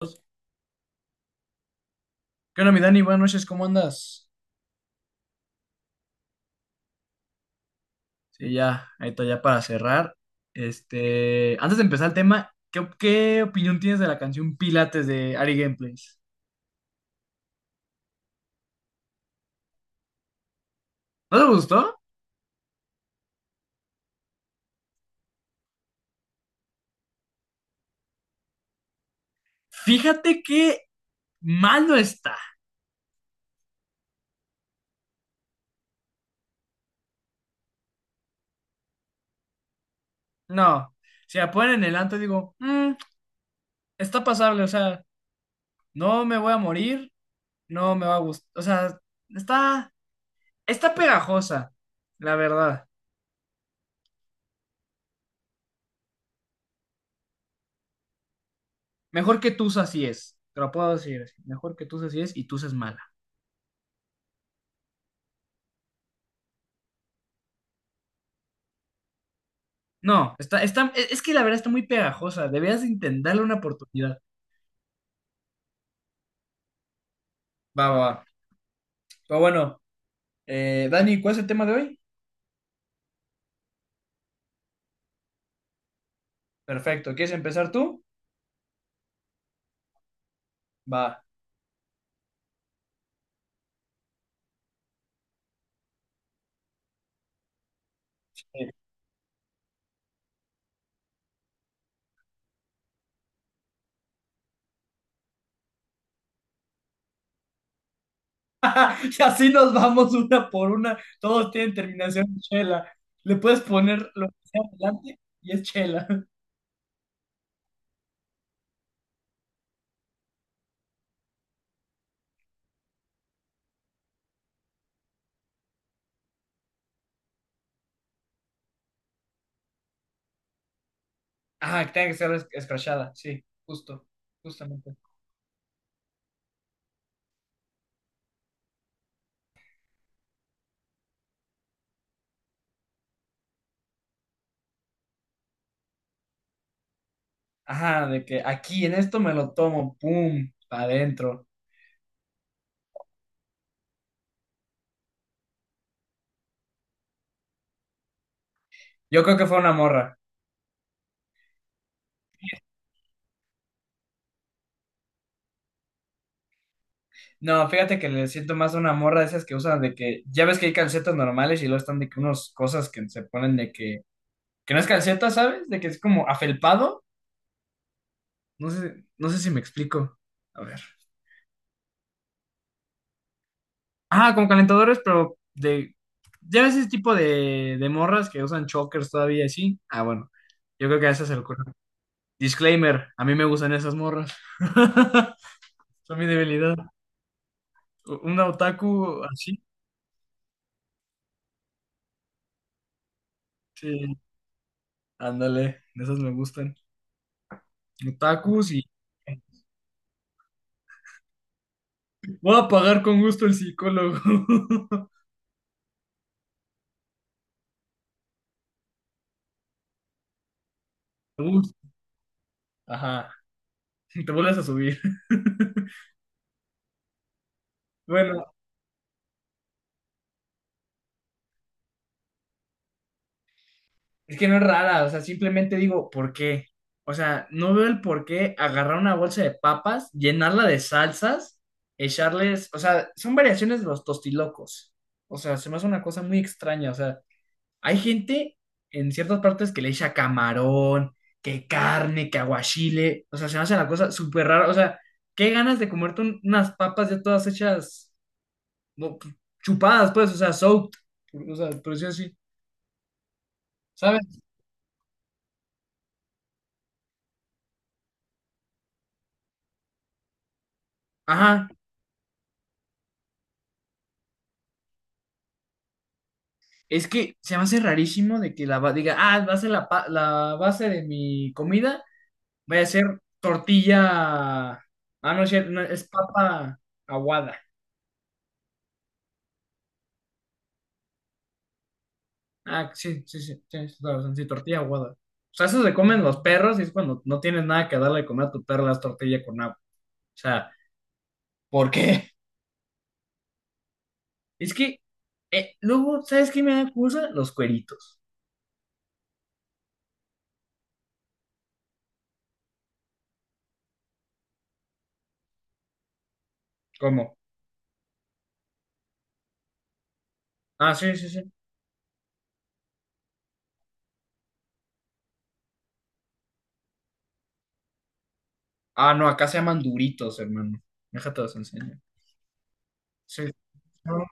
¿Qué onda, mi Dani? Buenas noches, ¿cómo andas? Sí, ya, ahí está, ya para cerrar. Este, antes de empezar el tema, ¿qué opinión tienes de la canción Pilates de Ari Gameplays? ¿No te gustó? Fíjate que mal no está. No, si la ponen en el anto, digo, "Mm, está pasable, o sea, no me voy a morir, no me va a gustar, o sea, está, está pegajosa, la verdad." Mejor que Tusa así es, te lo puedo decir, así, mejor que Tusa así es y Tusa es mala. No, es que la verdad está muy pegajosa. Deberías de intentarle una oportunidad. Va, va, va. Pero bueno, Dani, ¿cuál es el tema de hoy? Perfecto, ¿quieres empezar tú? Va. Sí. Y así nos vamos una por una. Todos tienen terminación en chela. Le puedes poner lo que sea adelante y es chela. Ah, que tenga que ser escrachada. Sí, justo, justamente. Ajá, de que aquí en esto me lo tomo, pum, para adentro. Yo creo que fue una morra. No, fíjate que le siento más a una morra de esas que usan de que, ya ves que hay calcetas normales y luego están de que unas cosas que se ponen de que no es calceta, ¿sabes? De que es como afelpado. No sé, no sé si me explico. A ver. Ah, como calentadores, pero de, ya ves ese tipo de morras que usan chokers todavía así. Ah, bueno, yo creo que a esas se le ocurre. Disclaimer, a mí me gustan esas morras. Son mi debilidad. Un otaku así. Sí, ándale, de esas me gustan. Otakus y... Voy a pagar con gusto el psicólogo. Uf, ajá, te vuelves a subir. Bueno, es que no es rara, o sea, simplemente digo, ¿por qué? O sea, no veo el por qué agarrar una bolsa de papas, llenarla de salsas, echarles, o sea, son variaciones de los tostilocos. O sea, se me hace una cosa muy extraña, o sea, hay gente en ciertas partes que le echa camarón, que carne, que aguachile, o sea, se me hace la cosa súper rara, o sea, qué ganas de comerte unas papas ya todas hechas como chupadas, pues, o sea, soaked, o sea, por decirlo así, ¿sabes? Ajá, es que se me hace rarísimo de que diga, ah, va a ser la base de mi comida, vaya a ser tortilla, ah, no, es cierto, no, es papa aguada. Ah, sí, sí, sí, tienes toda la razón, sí, tortilla aguada. O sea, eso se comen los perros y es cuando no tienes nada que darle de comer a tu perro las tortillas con agua. O sea, ¿por qué? Es que, luego, ¿sabes qué me da cosa? Los cueritos. ¿Cómo? Ah, sí, sí, sí. Ah, no, acá se llaman duritos, hermano. Déjate los enseño. Sí. No,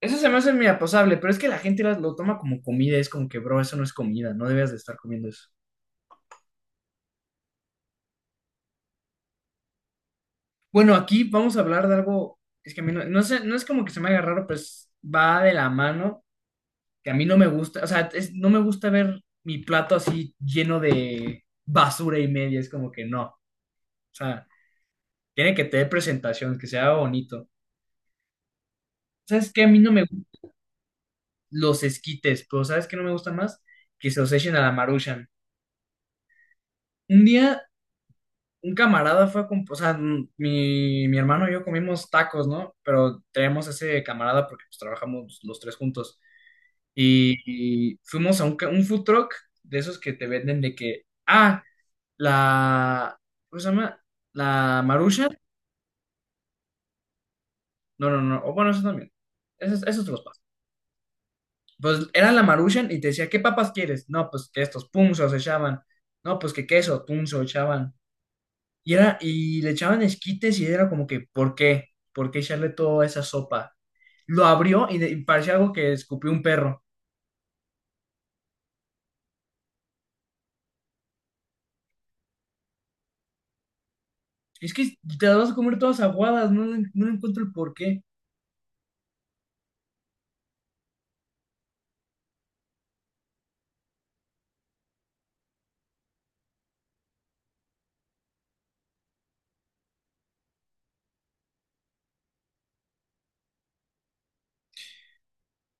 eso se me hace muy aposable, pero es que la gente lo toma como comida. Es como que, bro, eso no es comida, no debías de estar comiendo eso. Bueno, aquí vamos a hablar de algo. Es que a mí no, no sé, no es como que se me haga raro, pues va de la mano, que a mí no me gusta. O sea, no me gusta ver mi plato así lleno de basura y media. Es como que no. O sea, tiene que tener presentación, que sea bonito. ¿Sabes qué? A mí no me los esquites, pero ¿sabes qué no me gusta más? Que se los echen a la Maruchan. Un día, un camarada fue a o sea, mi hermano y yo comimos tacos, ¿no? Pero tenemos ese camarada porque pues, trabajamos los tres juntos. Y fuimos a un food truck de esos que te venden de que, ah, la, ¿cómo se llama? La Maruchan. No, no, no, o bueno, eso también. Esos, esos te los paso. Pues era la Maruchan y te decía, ¿qué papas quieres? No, pues que estos punzos echaban. No, pues que queso, punzo echaban. Y y le echaban esquites y era como que, ¿por qué? ¿Por qué echarle toda esa sopa? Lo abrió y parecía algo que escupió un perro. Es que te las vas a comer todas aguadas, no, no le encuentro el por qué.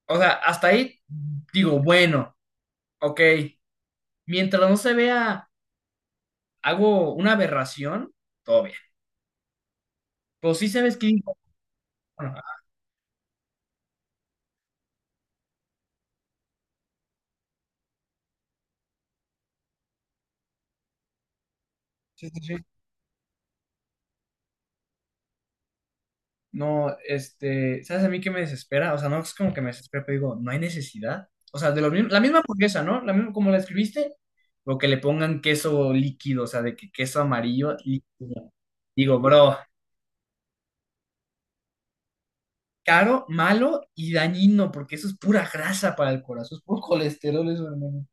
O sea, hasta ahí digo, bueno, ok. Mientras no se vea, hago una aberración, todo bien. Pues sí sabes que... bueno, sí, sí, sí. No, este, ¿sabes a mí qué me desespera? O sea, no es como que me desespera, pero digo, no hay necesidad. O sea, de lo mismo, la misma hamburguesa, ¿no? La misma, como la escribiste, lo que le pongan queso líquido, o sea, de que queso amarillo líquido. Digo, bro, caro, malo y dañino, porque eso es pura grasa para el corazón, es puro colesterol eso, hermano.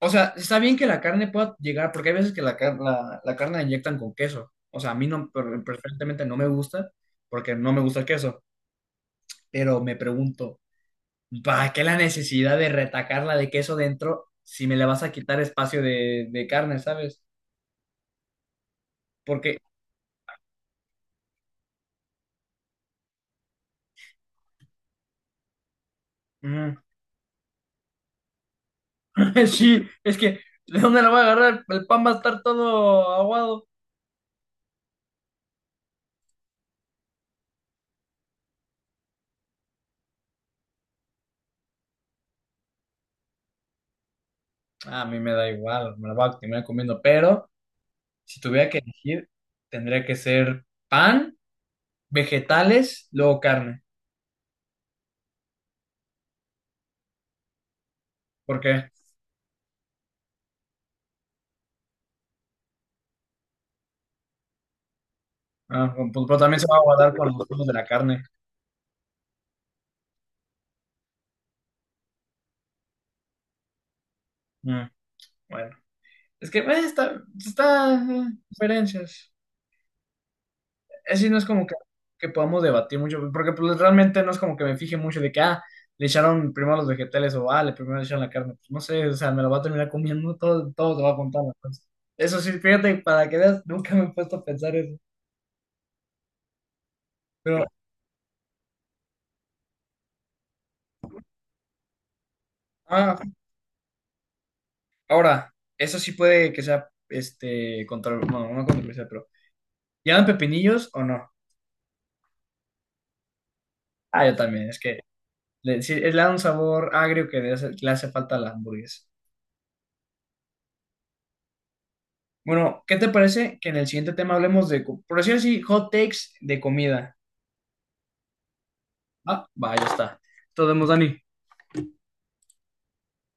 O sea, está bien que la carne pueda llegar, porque hay veces que la carne la inyectan con queso. O sea, a mí no, preferentemente no me gusta, porque no me gusta el queso. Pero me pregunto. ¿Para qué la necesidad de retacarla de queso dentro si me le vas a quitar espacio de, carne? ¿Sabes? Porque, mm, sí, es que, ¿de dónde la voy a agarrar? El pan va a estar todo aguado. A mí me da igual, me la voy a terminar comiendo, pero si tuviera que elegir, tendría que ser pan, vegetales, luego carne. ¿Por qué? Ah, pues, pero también se va a aguadar con los frutos de la carne. Mm, bueno, es que diferencias. Así no es como que podamos debatir mucho, porque pues, realmente no es como que me fije mucho de que, ah, le echaron primero los vegetales o, ah, le primero le echaron la carne. Pues, no sé, o sea, me lo va a terminar comiendo, todo, todo te va a contar. Entonces. Eso sí, fíjate, para que veas, nunca me he puesto a pensar eso. Pero, ah, ahora, eso sí puede que sea, este, bueno, no controversial, pero, ¿llaman pepinillos o no? Ah, yo también, es que sí, le da un sabor agrio que le hace falta a la hamburguesa. Bueno, ¿qué te parece que en el siguiente tema hablemos de, por decir así, hot takes de comida? Ah, va, ya está. Nos vemos, Dani.